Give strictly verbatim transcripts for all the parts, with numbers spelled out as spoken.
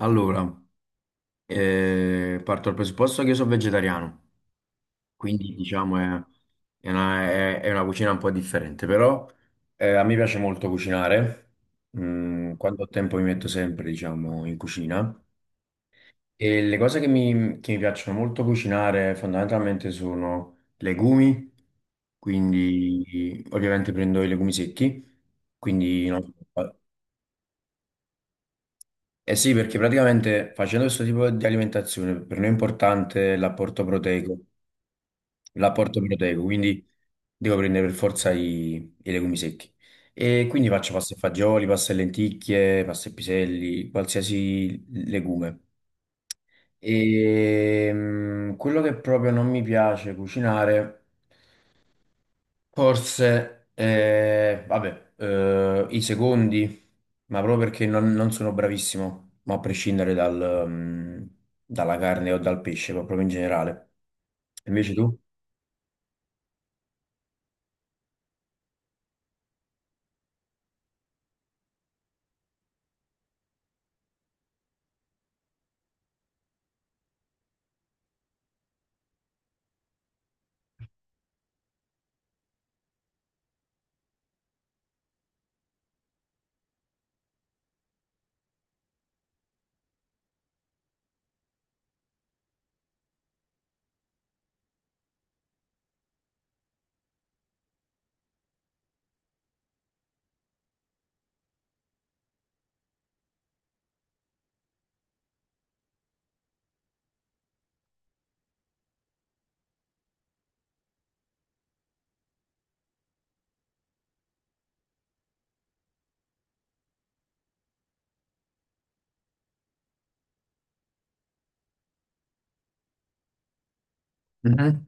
Allora, eh, parto dal presupposto che io sono vegetariano, quindi diciamo è, è una, è- è una cucina un po' differente. Però eh, a me piace molto cucinare. Mm, quando ho tempo mi metto sempre, diciamo, in cucina e le cose che mi, che mi piacciono molto cucinare fondamentalmente sono legumi, quindi ovviamente prendo i legumi secchi, quindi no. Eh sì, perché praticamente facendo questo tipo di alimentazione per noi è importante l'apporto proteico, l'apporto proteico, quindi devo prendere per forza i, i legumi secchi. E quindi faccio pasta e fagioli, pasta e lenticchie, pasta e piselli, qualsiasi legume. E mm, quello che proprio non mi piace cucinare, forse, eh, vabbè, eh, i secondi, ma proprio perché non, non sono bravissimo, ma a prescindere dal, mm, dalla carne o dal pesce, ma proprio in generale. Invece tu? Mhm.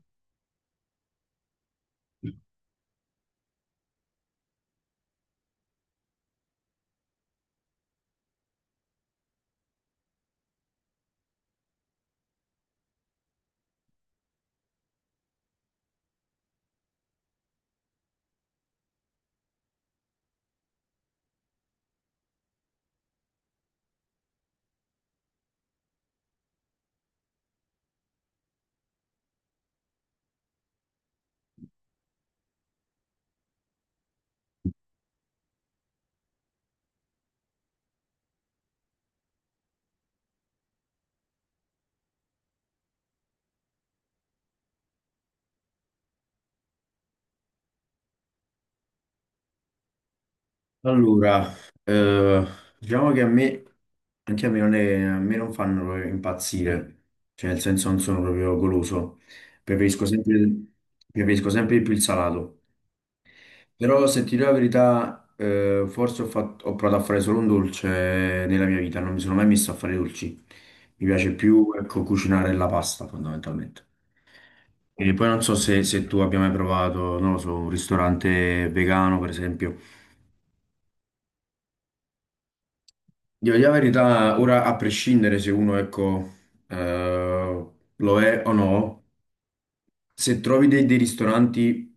Allora, eh, diciamo che a me, anche a me non, è- a me non fanno proprio impazzire, cioè nel senso non sono proprio goloso, preferisco sempre, preferisco sempre di più il salato. Però se ti dico la verità, eh, forse ho fatto- ho provato a fare solo un dolce nella mia vita, non mi sono mai messo a fare dolci. Mi piace più, ecco, cucinare la pasta fondamentalmente. E poi non so se, se tu abbia mai provato, non lo so, un ristorante vegano, per esempio. Devo dire la verità, ora a prescindere se uno, ecco, eh, lo è o no, se trovi dei, dei ristoranti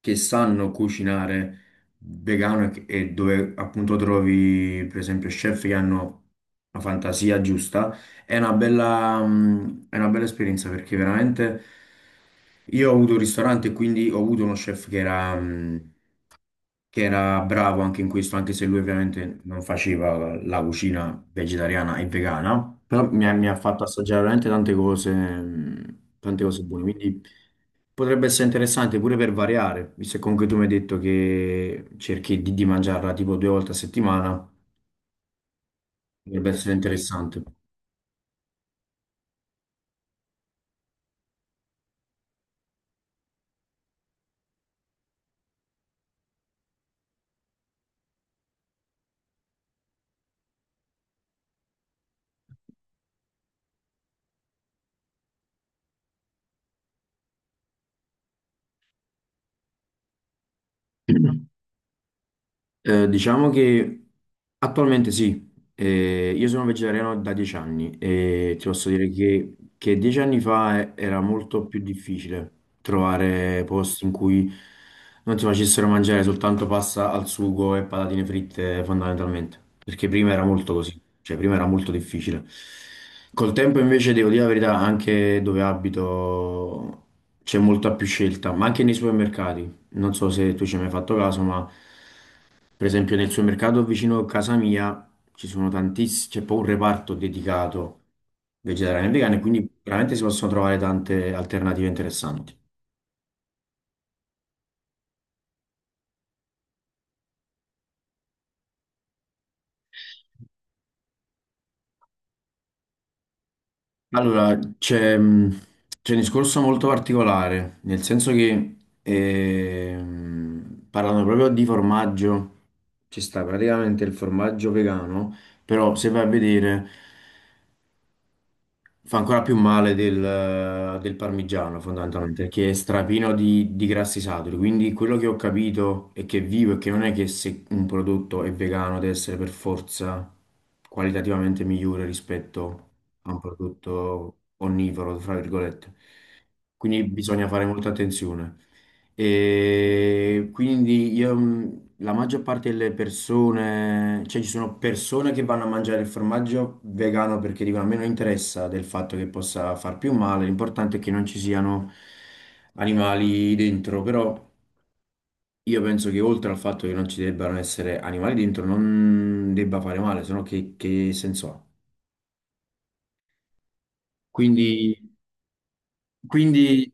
che sanno cucinare vegano e, che- e dove appunto trovi per esempio chef che hanno la fantasia giusta, è una bella, mm, è una bella esperienza, perché veramente io ho avuto un ristorante e quindi ho avuto uno chef che era, mm, che era bravo anche in questo, anche se lui ovviamente non faceva la cucina vegetariana e vegana, però mi ha, mi ha fatto assaggiare veramente tante cose, mm, tante cose buone. Quindi potrebbe essere interessante pure per variare, visto che comunque tu mi hai detto che cerchi di, di mangiarla tipo due volte a settimana, potrebbe essere interessante. Eh, diciamo che attualmente sì. Eh, io sono vegetariano da dieci anni e ti posso dire che, che dieci anni fa eh, era molto più difficile trovare posti in cui non ti facessero mangiare soltanto pasta al sugo e patatine fritte fondamentalmente, perché prima era molto così, cioè prima era molto difficile. Col tempo invece devo dire la verità, anche dove abito c'è molta più scelta, ma anche nei supermercati, non so se tu ci hai mai fatto caso, ma... Per esempio nel supermercato vicino a casa mia ci sono tantissimi, c'è poi un reparto dedicato vegetariano e vegano, e quindi veramente si possono trovare tante alternative interessanti. Allora, c'è mh, c'è un discorso molto particolare, nel senso che ehm, parlando proprio di formaggio, ci sta praticamente il formaggio vegano, però se vai a vedere... Fa ancora più male del, del parmigiano, fondamentalmente, che è strapino di, di grassi saturi. Quindi quello che ho capito è che è vivo e che non è che se un prodotto è vegano deve essere per forza qualitativamente migliore rispetto a un prodotto onnivoro, fra virgolette. Quindi bisogna fare molta attenzione. E quindi io, la maggior parte delle persone, cioè ci sono persone che vanno a mangiare il formaggio vegano perché dicono a me non interessa del fatto che possa far più male, l'importante è che non ci siano animali dentro, però io penso che oltre al fatto che non ci debbano essere animali dentro non debba fare male, se no che, che senso ha? Mm. Quindi Quindi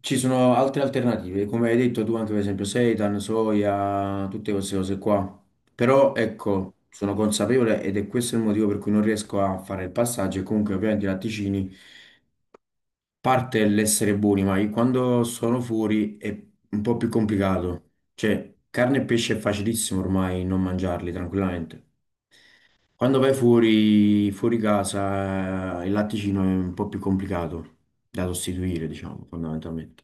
ci sono altre alternative, come hai detto tu anche per esempio seitan, soia, tutte queste cose qua. Però ecco, sono consapevole ed è questo il motivo per cui non riesco a fare il passaggio e comunque ovviamente i latticini parte l'essere buoni, ma io quando sono fuori è un po' più complicato. Cioè, carne e pesce è facilissimo ormai non mangiarli tranquillamente. Quando vai fuori, fuori casa, eh, il latticino è un po' più complicato da sostituire, diciamo, fondamentalmente.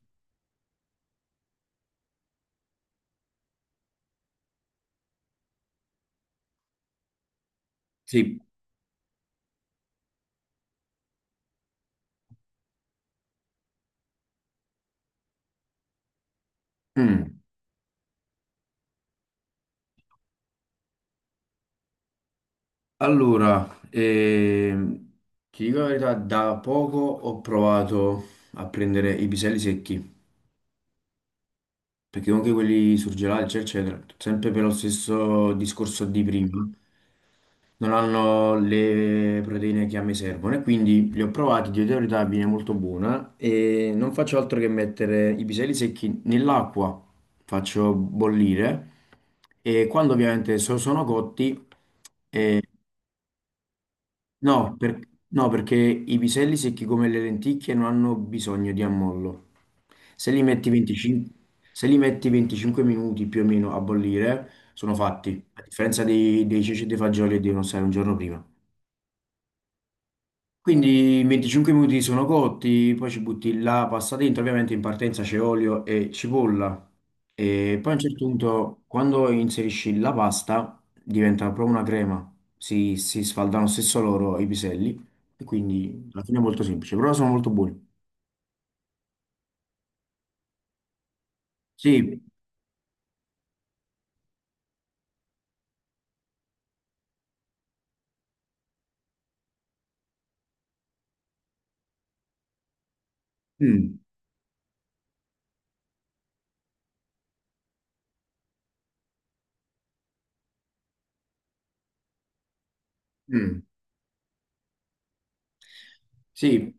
Sì. Mm. Allora, ehm, ti dico la verità, da poco ho provato a prendere i piselli secchi, perché comunque quelli surgelati, eccetera, eccetera, sempre per lo stesso discorso di prima, non hanno le proteine che a me servono e quindi li ho provati, di verità viene molto buona e non faccio altro che mettere i piselli secchi nell'acqua, faccio bollire e quando ovviamente so- sono cotti. No, per- no, perché i piselli secchi come le lenticchie non hanno bisogno di ammollo. Se li metti venticinque, Se li metti 25 minuti più o meno a bollire, sono fatti, a differenza dei, dei ceci e dei fagioli che devono stare un giorno prima. Quindi 25 minuti sono cotti, poi ci butti la pasta dentro, ovviamente in partenza c'è olio e cipolla. E poi a un certo punto, quando inserisci la pasta, diventa proprio una crema. Si, si sfaldano stesso loro i piselli e quindi alla fine è molto semplice, però sono molto buoni. Sì. Mm, mm. Sì,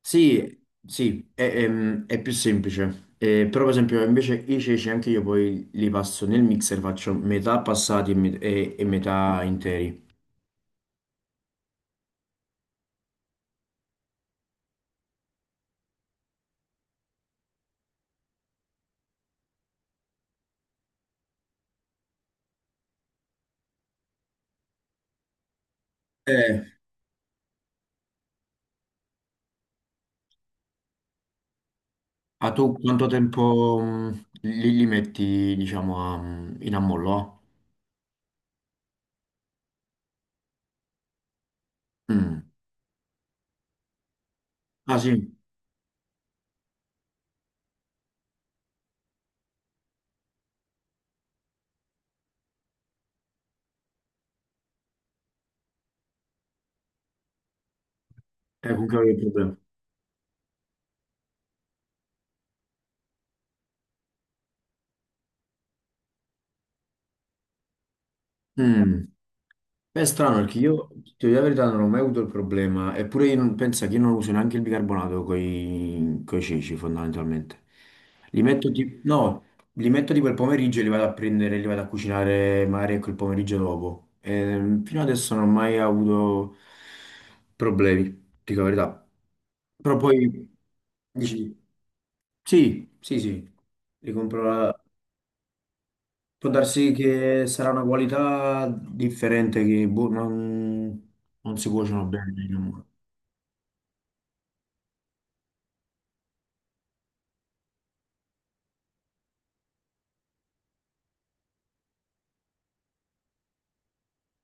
Sì, sì, è, è- è più semplice. Eh, però, per esempio, invece i ceci anche io poi li passo nel mixer, faccio metà passati e, met- e- e metà interi. Eh, a tu quanto tempo mh, li, li metti, diciamo, a- in ammollo? Ah? Mm. Ah sì, è con quello è il problema. Mm. Beh, è strano perché io, ti dico la verità, non ho mai avuto il problema, eppure io non, penso che io non uso neanche il bicarbonato con i ceci fondamentalmente. Li metto, tipo, no, li metto tipo il pomeriggio e li vado a prendere, li vado a cucinare magari ecco il pomeriggio dopo. Ehm, fino adesso non ho mai avuto problemi, ti dico la verità. Però poi dici, sì, sì, sì, li compro, la- Può darsi che sarà una qualità differente che boh, non, non si cuociono bene, diciamo.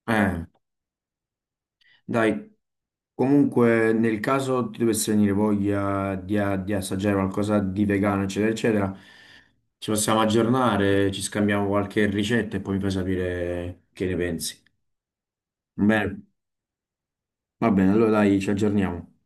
Eh, dai, comunque nel caso ti dovesse venire voglia di, di assaggiare qualcosa di vegano, eccetera, eccetera, ci possiamo aggiornare, ci scambiamo qualche ricetta e poi mi fai sapere che ne pensi. Va bene, va bene, allora dai, ci aggiorniamo.